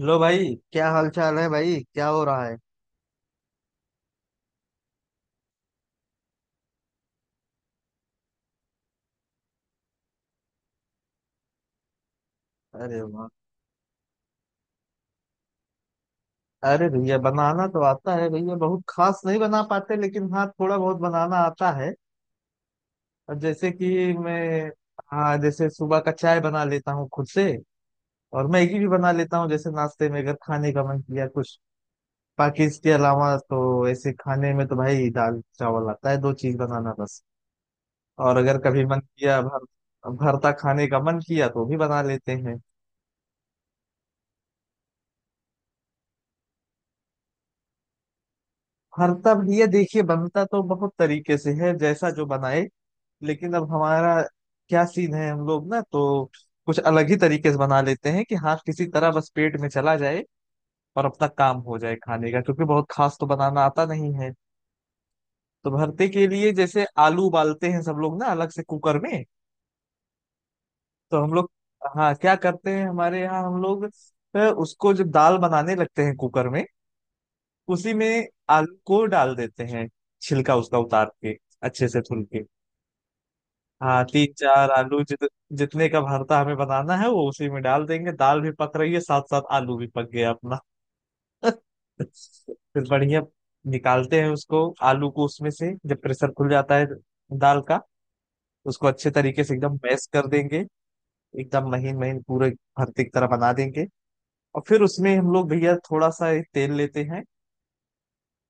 Hello भाई। क्या हाल चाल है भाई? क्या हो रहा है? अरे वाह। अरे भैया, बनाना तो आता है भैया, बहुत खास नहीं बना पाते लेकिन हाँ, थोड़ा बहुत बनाना आता है। और जैसे कि मैं हाँ जैसे सुबह का चाय बना लेता हूँ खुद से। और मैगी भी बना लेता हूँ, जैसे नाश्ते में अगर खाने का मन किया कुछ। बाकी इसके अलावा तो ऐसे खाने में तो भाई दाल चावल आता है, दो चीज बनाना बस। और अगर कभी मन किया भरता खाने का मन किया तो भी बना लेते हैं। भरता भैया देखिए बनता तो बहुत तरीके से है, जैसा जो बनाए। लेकिन अब हमारा क्या सीन है, हम लोग ना तो कुछ अलग ही तरीके से बना लेते हैं कि हाँ किसी तरह बस पेट में चला जाए और अपना काम हो जाए खाने का, क्योंकि बहुत खास तो बनाना आता नहीं है। तो भरते के लिए जैसे आलू उबालते हैं सब लोग ना अलग से कुकर में, तो हम लोग हाँ क्या करते हैं हमारे यहाँ, हम लोग उसको जब दाल बनाने लगते हैं कुकर में उसी में आलू को डाल देते हैं, छिलका उसका उतार के, अच्छे से धुल के। हाँ, तीन चार आलू जितने का भरता हमें बनाना है वो उसी में डाल देंगे। दाल भी पक रही है, साथ साथ आलू भी पक गया अपना। फिर बढ़िया निकालते हैं उसको, आलू को उसमें से जब प्रेशर खुल जाता है दाल का। उसको अच्छे तरीके से एकदम मैश कर देंगे, एकदम महीन महीन पूरे भरते की तरह बना देंगे। और फिर उसमें हम लोग भैया थोड़ा सा तेल लेते हैं,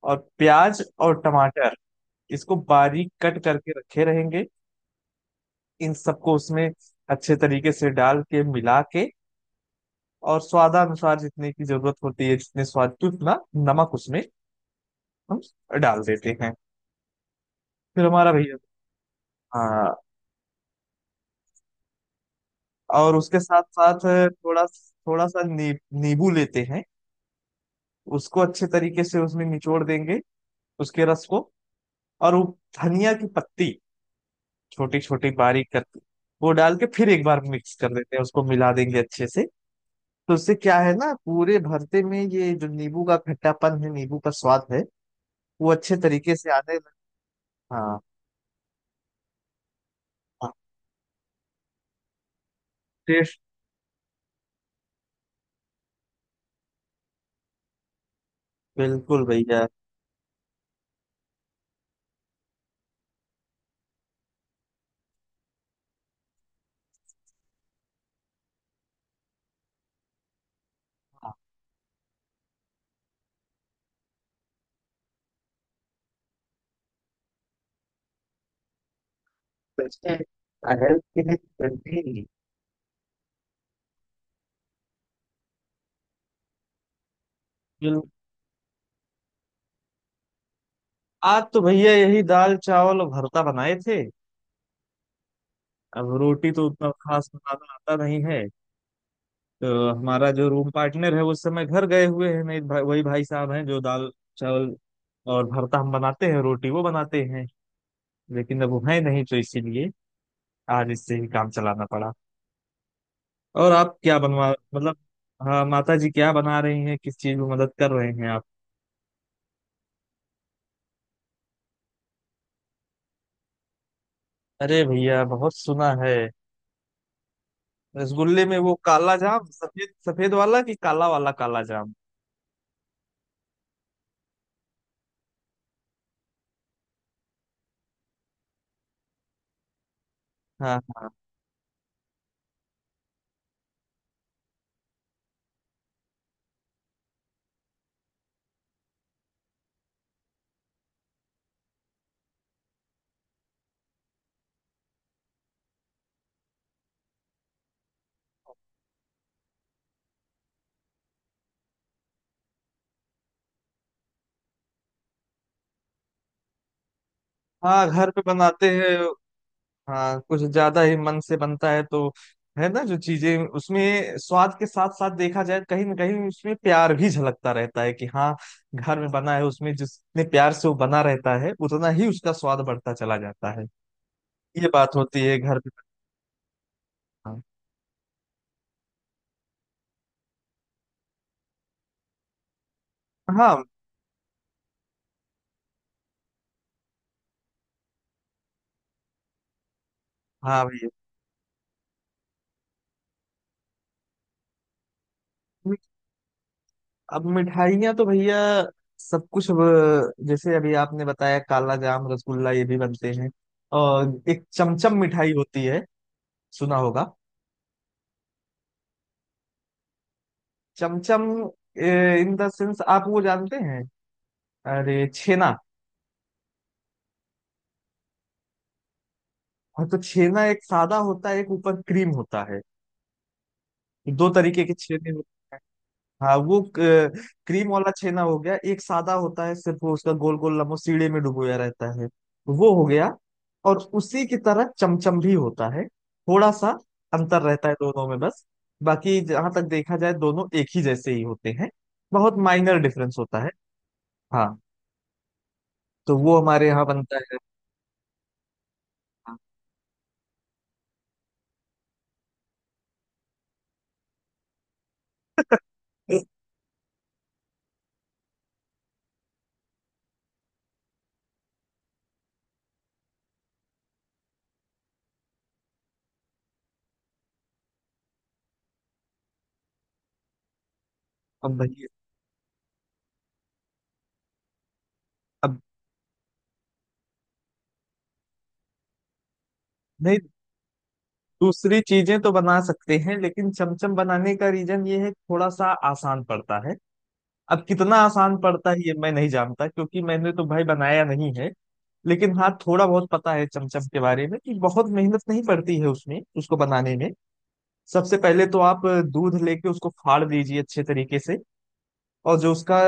और प्याज और टमाटर इसको बारीक कट करके रखे रहेंगे। इन सबको उसमें अच्छे तरीके से डाल के मिला के, और स्वादानुसार जितने की जरूरत होती है, जितने स्वाद की उतना नमक उसमें हम डाल देते हैं। फिर हमारा भैया हाँ, और उसके साथ साथ थोड़ा थोड़ा सा नींबू लेते हैं, उसको अच्छे तरीके से उसमें निचोड़ देंगे, उसके रस को। और वो धनिया की पत्ती छोटी छोटी बारीक करके, वो डाल के फिर एक बार मिक्स कर देते हैं, उसको मिला देंगे अच्छे से। तो उससे क्या है ना, पूरे भरते में ये जो नींबू का खट्टापन है, नींबू का स्वाद है, वो अच्छे तरीके से आने हाँ। बिल्कुल भैया। हाँ, वैसे हेल्थ के लिए healthy, बिल- आज तो भैया यही दाल चावल और भरता बनाए थे। अब रोटी तो उतना खास बनाना आता नहीं है, तो हमारा जो रूम पार्टनर है वो उस समय घर गए हुए हैं, मेरे भाई वही भाई साहब हैं जो दाल चावल और भरता हम बनाते हैं, रोटी वो बनाते हैं। लेकिन अब वो है नहीं, तो इसीलिए आज इससे ही काम चलाना पड़ा। और आप क्या बनवा मतलब हाँ, माता जी क्या बना रही हैं, किस चीज में मदद कर रहे हैं आप? अरे भैया, बहुत सुना है। रसगुल्ले में वो काला जाम, सफेद सफेद वाला कि काला वाला काला जाम। हाँ हाँ हाँ, घर पे बनाते हैं। हाँ कुछ ज्यादा ही मन से बनता है तो, है ना, जो चीजें उसमें स्वाद के साथ साथ देखा जाए कहीं ना कहीं उसमें प्यार भी झलकता रहता है कि हाँ घर में बना है। उसमें जितने प्यार से वो बना रहता है उतना ही उसका स्वाद बढ़ता चला जाता है। ये बात होती है घर पे। हाँ हाँ हाँ भैया। अब मिठाइयाँ तो भैया सब कुछ जैसे अभी आपने बताया काला जाम, रसगुल्ला ये भी बनते हैं। और एक चमचम मिठाई होती है, सुना होगा। चमचम, इन द सेंस आप वो जानते हैं, अरे छेना। हाँ तो छेना, एक सादा होता है, एक ऊपर क्रीम होता है, दो तरीके के छेने। हाँ वो क्रीम वाला छेना हो गया। एक सादा होता है, सिर्फ वो उसका गोल गोल लम्बो सीढ़े में डुबोया रहता है, वो हो गया। और उसी की तरह चमचम भी होता है, थोड़ा सा अंतर रहता है दोनों में बस। बाकी जहां तक देखा जाए दोनों एक ही जैसे ही होते हैं, बहुत माइनर डिफरेंस होता है। हाँ, तो वो हमारे यहाँ बनता है। हाँ। अब भैया, अब नहीं, दूसरी चीजें तो बना सकते हैं लेकिन चमचम बनाने का रीजन ये है कि थोड़ा सा आसान पड़ता है। अब कितना आसान पड़ता है ये मैं नहीं जानता, क्योंकि मैंने तो भाई बनाया नहीं है। लेकिन हाँ, थोड़ा बहुत पता है चमचम के बारे में कि बहुत मेहनत नहीं पड़ती है उसमें, उसको बनाने में। सबसे पहले तो आप दूध लेके उसको फाड़ दीजिए अच्छे तरीके से। और जो उसका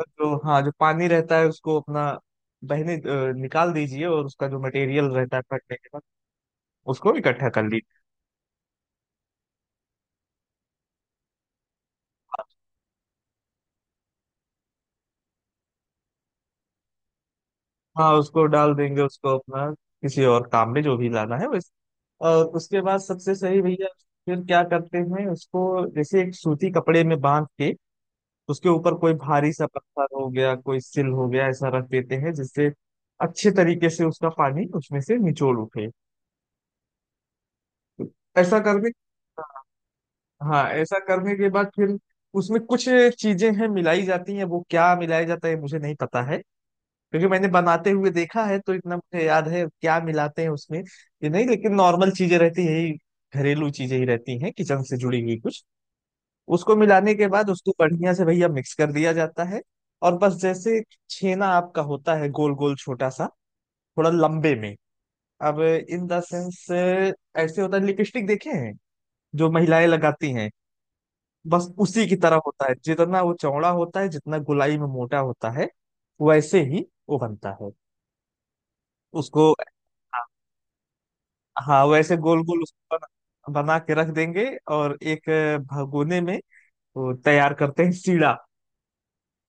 जो हाँ जो पानी रहता है उसको अपना निकाल दीजिए, और उसका जो मटेरियल रहता है फटने के बाद, उसको इकट्ठा कर लीजिए। हाँ उसको डाल देंगे, उसको अपना किसी और काम में जो भी लाना है वैसे। और उसके बाद सबसे सही भैया फिर क्या करते हैं उसको, जैसे एक सूती कपड़े में बांध के उसके ऊपर कोई भारी सा पत्थर हो गया, कोई सिल हो गया ऐसा रख देते हैं, जिससे अच्छे तरीके से उसका पानी उसमें से निचोड़ उठे। ऐसा करने हाँ, ऐसा करने के बाद फिर उसमें कुछ चीजें हैं मिलाई जाती हैं, वो क्या मिलाया जाता है मुझे नहीं पता है। क्योंकि मैंने बनाते हुए देखा है, तो इतना मुझे याद है क्या मिलाते हैं उसमें ये नहीं। लेकिन नॉर्मल चीजें रहती है यही, घरेलू चीजें ही रहती हैं किचन से जुड़ी हुई कुछ। उसको मिलाने के बाद उसको बढ़िया से भैया मिक्स कर दिया जाता है। और बस जैसे छेना आपका होता है गोल गोल छोटा सा, थोड़ा लंबे में। अब इन द सेंस ऐसे होता है, लिपस्टिक देखे हैं जो महिलाएं लगाती हैं, बस उसी की तरह होता है। जितना वो चौड़ा होता है, जितना गोलाई में मोटा होता है वैसे ही वो बनता है उसको। हाँ वैसे गोल गोल उसको बना के रख देंगे। और एक भगोने में वो तैयार करते हैं सीड़ा,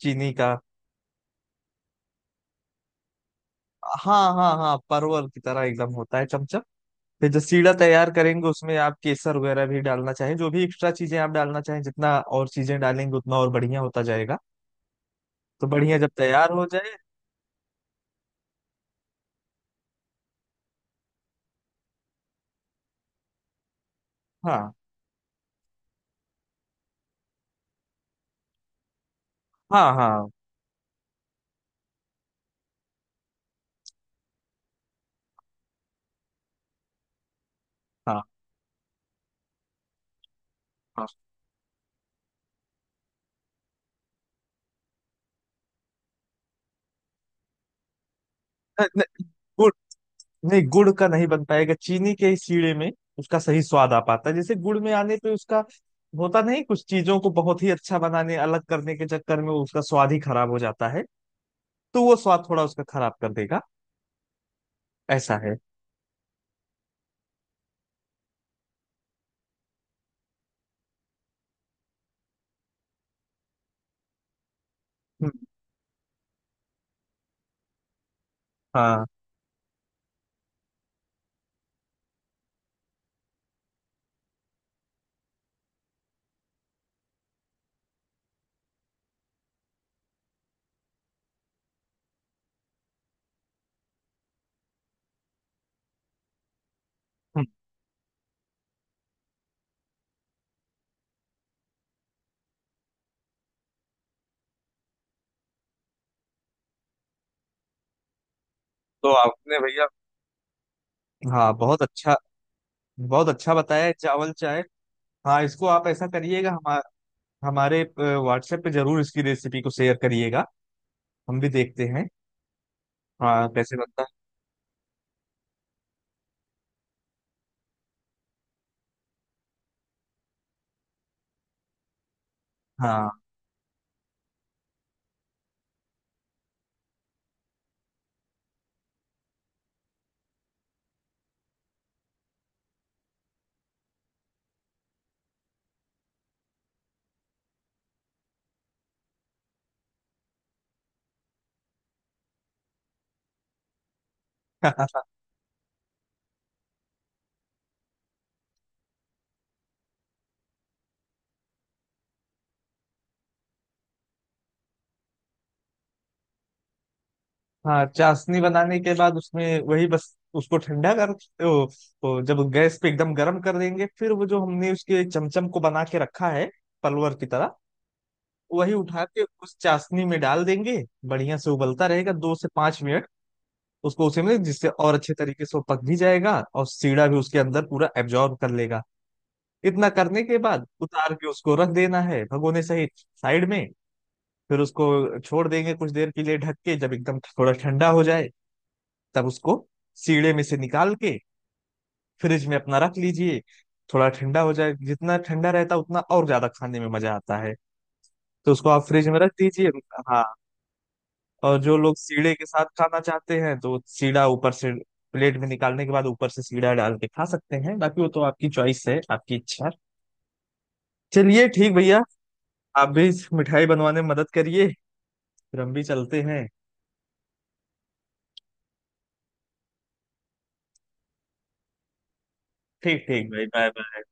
चीनी का। हाँ हाँ हाँ, परवल की तरह एकदम होता है चमचम। फिर जो सीड़ा तैयार करेंगे उसमें आप केसर वगैरह भी डालना चाहें, जो भी एक्स्ट्रा चीजें आप डालना चाहें, जितना और चीजें डालेंगे उतना और बढ़िया होता जाएगा। तो बढ़िया जब तैयार हो जाए, हाँ हाँ हाँ हाँ हाँ। न- न- गुड़ नहीं, गुड़ का नहीं बन पाएगा। चीनी के ही सीड़े में उसका सही स्वाद आ पाता है, जैसे गुड़ में आने पे उसका होता नहीं। कुछ चीजों को बहुत ही अच्छा बनाने, अलग करने के चक्कर में उसका स्वाद ही खराब हो जाता है। तो वो स्वाद थोड़ा उसका खराब कर देगा, ऐसा है। हम्म, हाँ। हम्म, तो आपने भैया हाँ बहुत अच्छा, बहुत अच्छा बताया है, चावल चाय। हाँ इसको आप ऐसा करिएगा, हमारे व्हाट्सएप पे जरूर इसकी रेसिपी को शेयर करिएगा, हम भी देखते हैं। हाँ कैसे बनता है। हाँ हाँ, चाशनी बनाने के बाद उसमें वही बस उसको ठंडा ओ, जब गैस पे एकदम गर्म कर देंगे, फिर वो जो हमने उसके चमचम को बना के रखा है पलवर की तरह, वही उठा के उस चाशनी में डाल देंगे। बढ़िया से उबलता रहेगा 2 से 5 मिनट, उसको उसी में, जिससे और अच्छे तरीके से वो पक भी जाएगा और सीढ़ा भी उसके अंदर पूरा एब्जॉर्ब कर लेगा। इतना करने के बाद उतार के उसको रख देना है भगोने सहित, साइड में। फिर उसको छोड़ देंगे कुछ देर के लिए ढक के, जब एकदम थोड़ा ठंडा हो जाए तब उसको सीड़े में से निकाल के फ्रिज में अपना रख लीजिए। थोड़ा ठंडा हो जाए, जितना ठंडा रहता है उतना और ज्यादा खाने में मजा आता है, तो उसको आप फ्रिज में रख दीजिए। हाँ, और जो लोग सीड़े के साथ खाना चाहते हैं तो सीड़ा ऊपर से प्लेट में निकालने के बाद ऊपर से सीड़ा डाल के खा सकते हैं, बाकी वो तो आपकी चॉइस है, आपकी इच्छा। चलिए ठीक भैया, आप भी इस मिठाई बनवाने में मदद करिए, फिर हम भी चलते हैं। ठीक ठीक भाई, बाय बाय।